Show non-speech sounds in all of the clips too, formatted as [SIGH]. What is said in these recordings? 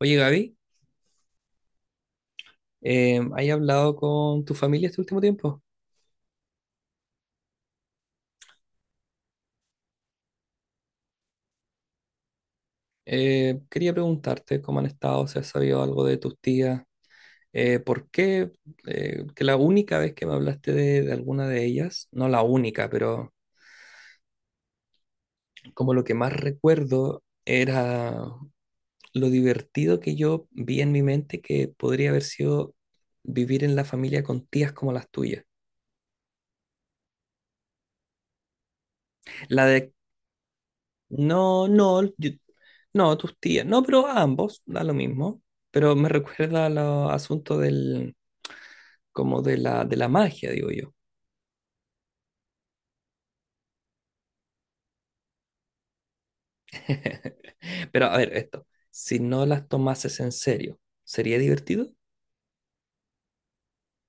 Oye, Gaby, ¿has hablado con tu familia este último tiempo? Quería preguntarte cómo han estado, si has sabido algo de tus tías, por qué que la única vez que me hablaste de alguna de ellas, no la única, pero como lo que más recuerdo era lo divertido que yo vi en mi mente que podría haber sido vivir en la familia con tías como las tuyas. La de. No, no, no, tus tías. No, pero ambos, da lo mismo. Pero me recuerda al asunto del, como de la magia, digo yo. [LAUGHS] Pero a ver, esto. Si no las tomases en serio, ¿sería divertido?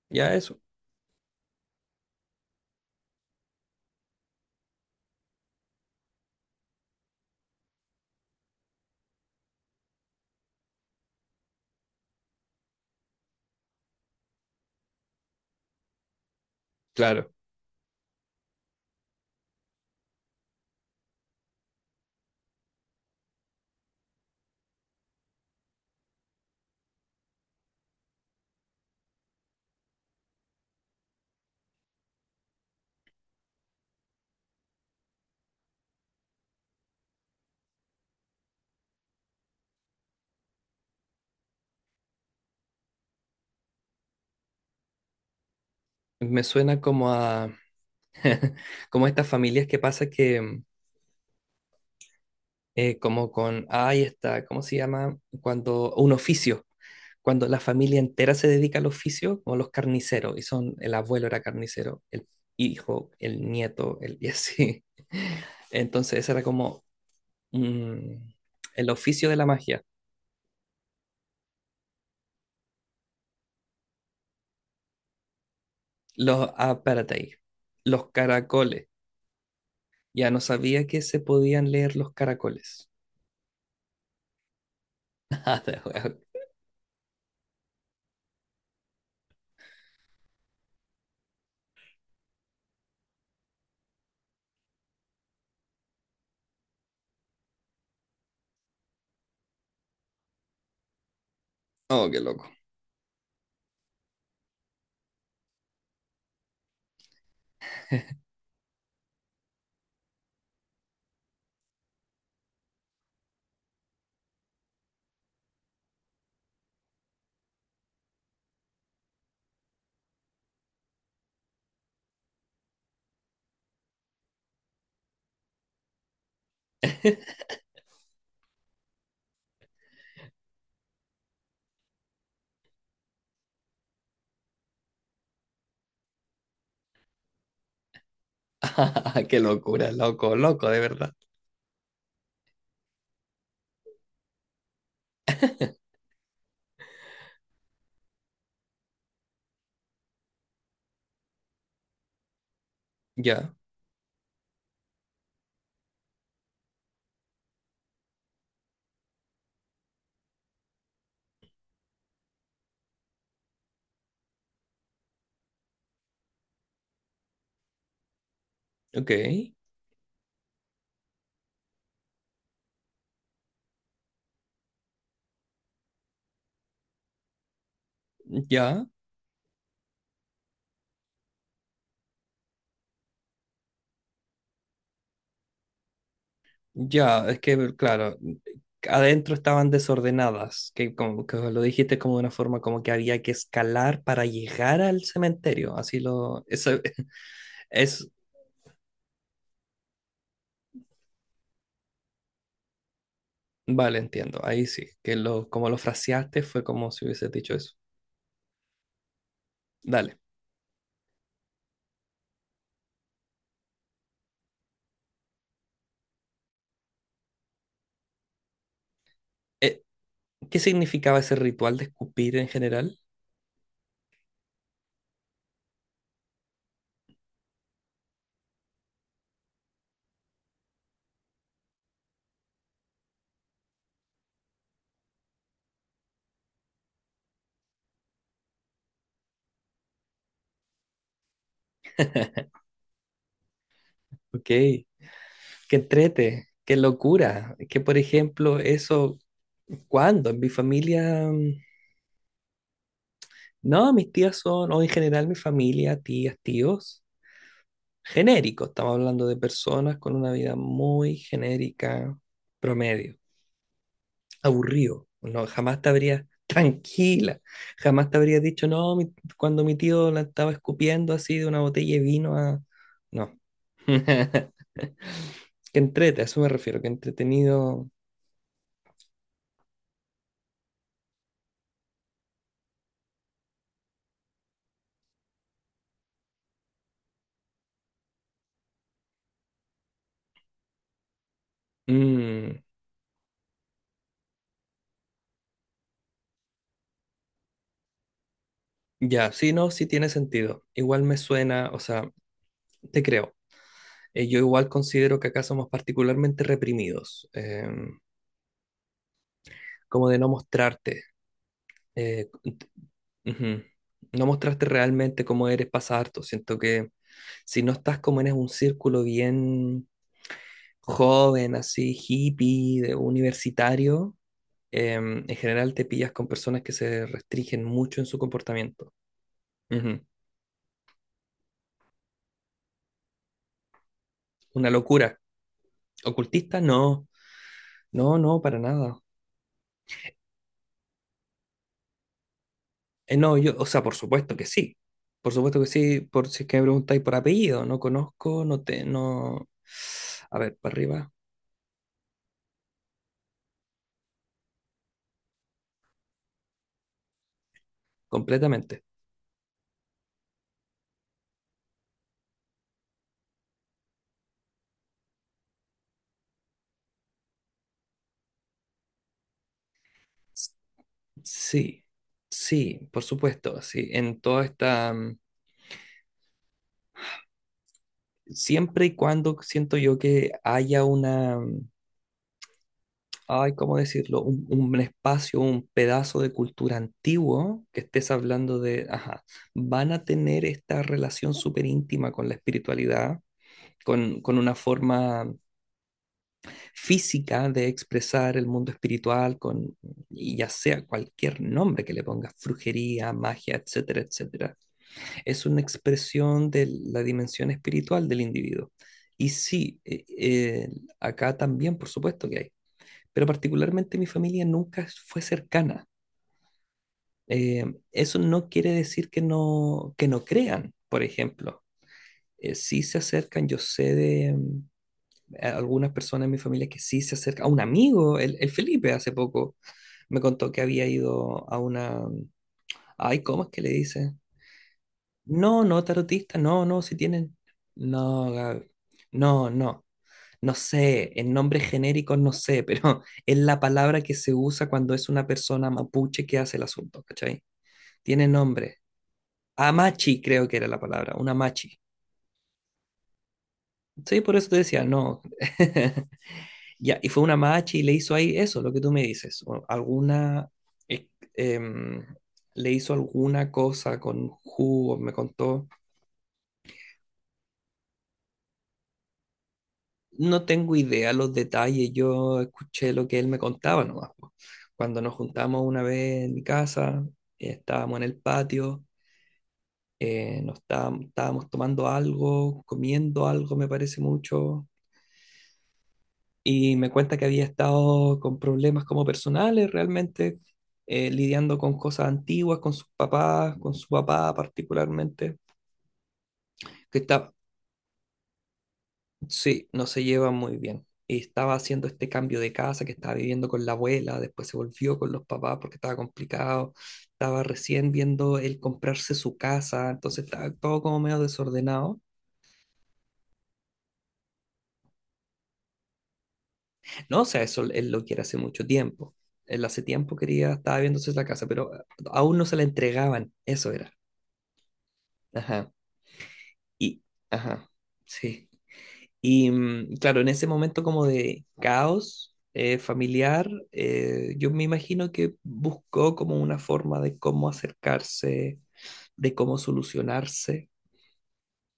Ya eso. Claro. Me suena como a, [LAUGHS] como a estas familias que pasa que, como con, ay, está, ¿cómo se llama? Cuando, un oficio. Cuando la familia entera se dedica al oficio, como los carniceros, y son, el abuelo era carnicero, el hijo, el nieto, el, y así. [LAUGHS] Entonces, ese era como mm, el oficio de la magia. Los, ah, espérate ahí, los caracoles. Ya no sabía que se podían leer los caracoles. [LAUGHS] Ah, de huevo. Oh, qué loco. [LAUGHS] Qué locura, loco, loco, de verdad. Ya, ok, ya. Ya, es que, claro, adentro estaban desordenadas, que como que lo dijiste como de una forma como que había que escalar para llegar al cementerio, así lo, eso. [LAUGHS] Es, vale, entiendo, ahí sí, que lo, como lo fraseaste fue como si hubieses dicho eso. Dale. Eh, ¿Qué significaba ese ritual de escupir en general? Ok, qué entrete, qué locura, que por ejemplo eso, ¿cuándo? En mi familia, no, mis tías son, o en general mi familia, tías, tíos. Genérico. Estamos hablando de personas con una vida muy genérica, promedio, aburrido. No, jamás te habrías, tranquila, jamás te habrías dicho, no, cuando mi tío la estaba escupiendo así de una botella de vino a... No. [LAUGHS] Que entrete, a eso me refiero, que entretenido. Mm, ya, sí, no, sí tiene sentido. Igual me suena, o sea, te creo. Yo igual considero que acá somos particularmente reprimidos, como de no mostrarte. Eh. Ujú. No mostraste realmente cómo eres pasa harto. Siento que si no estás como en un círculo bien joven, así hippie, de universitario, en general te pillas con personas que se restringen mucho en su comportamiento. Ujú. Una locura. ¿Ocultista? No, no, no, para nada. No, yo, o sea, por supuesto que sí. Por supuesto que sí, por si es que me preguntáis por apellido, no conozco, no te, no. A ver, para arriba, completamente. Sí, sí, por supuesto, sí, en toda esta, siempre y cuando siento yo que haya una, ay, ¿cómo decirlo? Un espacio, un pedazo de cultura antiguo que estés hablando de, ajá, van a tener esta relación súper íntima con la espiritualidad, con una forma física de expresar el mundo espiritual, con, y ya sea cualquier nombre que le pongas, brujería, magia, etcétera, etcétera, es una expresión de la dimensión espiritual del individuo. Y sí, acá también, por supuesto que hay, pero particularmente mi familia nunca fue cercana. Eh, eso no quiere decir que no crean, por ejemplo. Sí se acercan, yo sé de algunas personas en mi familia que sí se acercan. A un amigo, el Felipe, hace poco me contó que había ido a una... ay, ¿cómo es que le dice? No, no, tarotista, no, no, si tienen. No, Gaby, no, no. No sé, en nombres genéricos no sé, pero [LAUGHS] es la palabra que se usa cuando es una persona mapuche que hace el asunto, ¿cachai? Tiene nombre. Amachi, creo que era la palabra, una machi. Sí, por eso te decía, no. [LAUGHS] Ya, y fue una machi y le hizo ahí eso, lo que tú me dices. O alguna. eh, em, Le hizo alguna cosa con jugo, me contó. No tengo idea los detalles, yo escuché lo que él me contaba nomás. Po. Cuando nos juntamos una vez en mi casa, estábamos en el patio, estábamos tomando algo, comiendo algo, me parece mucho, y me cuenta que había estado con problemas como personales, realmente, lidiando con cosas antiguas, con sus papás, con su papá particularmente, que está. Sí, no se llevan muy bien. Y estaba haciendo este cambio de casa, que estaba viviendo con la abuela, después se volvió con los papás porque estaba complicado. Estaba recién viendo él comprarse su casa, entonces estaba todo como medio desordenado. No, o sea, eso él lo quiere hace mucho tiempo. Él hace tiempo quería, estaba viéndose la casa, pero aún no se la entregaban, eso era. Ajá. Y, ajá, sí. Y claro, en ese momento como de caos familiar, yo me imagino que buscó como una forma de cómo acercarse, de cómo solucionarse.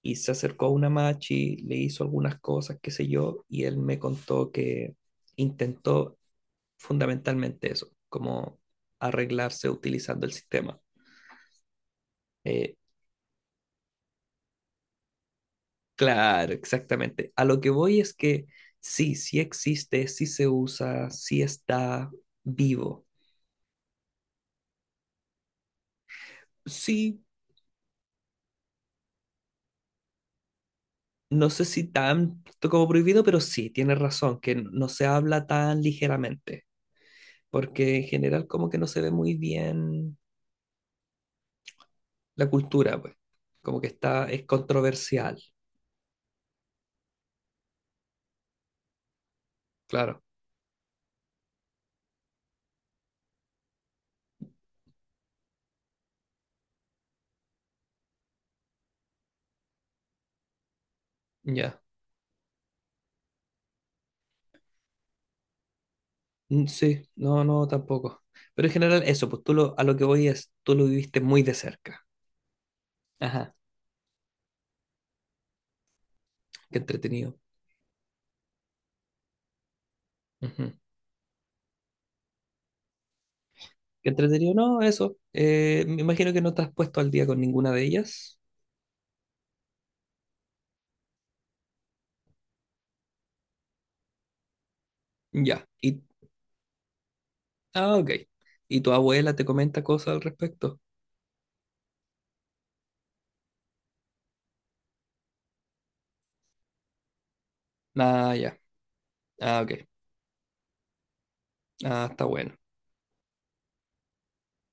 Y se acercó a una machi, le hizo algunas cosas, qué sé yo, y él me contó que intentó fundamentalmente eso, como arreglarse utilizando el sistema. Eh, claro, exactamente. A lo que voy es que sí, sí existe, sí se usa, sí está vivo. Sí, no sé si tanto como prohibido, pero sí, tienes razón, que no se habla tan ligeramente, porque en general como que no se ve muy bien la cultura, pues, como que está, es controversial, claro, ya. Sí, no, no, tampoco. Pero en general eso, pues tú lo, a lo que voy es, tú lo viviste muy de cerca. Ajá, qué entretenido. Ujú. Qué entretenido, no, eso. Me imagino que no te has puesto al día con ninguna de ellas. Ya. ¿Y ah, ok. ¿Y tu abuela te comenta cosas al respecto? Ah, ya. Ah, ok. Ah, está bueno.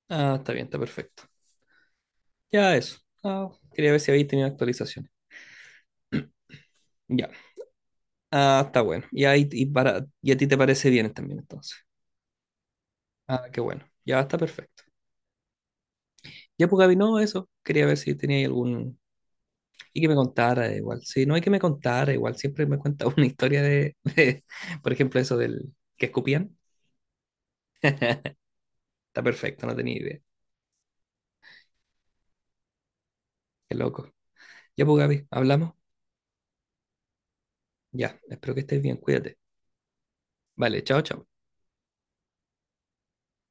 Ah, está bien, está perfecto. Ya eso. Ah, quería ver si habéis tenido actualizaciones. [CLEARS THROAT] Ya. Ah, está bueno. Y ahí y para y a ti te parece bien también entonces. Ah, qué bueno. Ya está perfecto. Ya pues Gaby, no, eso. Quería ver si tenía algún y que me contara igual. Sí, no hay que me contara igual. Siempre me cuenta [LAUGHS] una historia de- por ejemplo, eso del que escupían. [LAUGHS] Está perfecto, no tenía idea. Qué loco. Ya pues Gaby, hablamos. Ya, espero que estés bien, cuídate. Vale, chao, chao.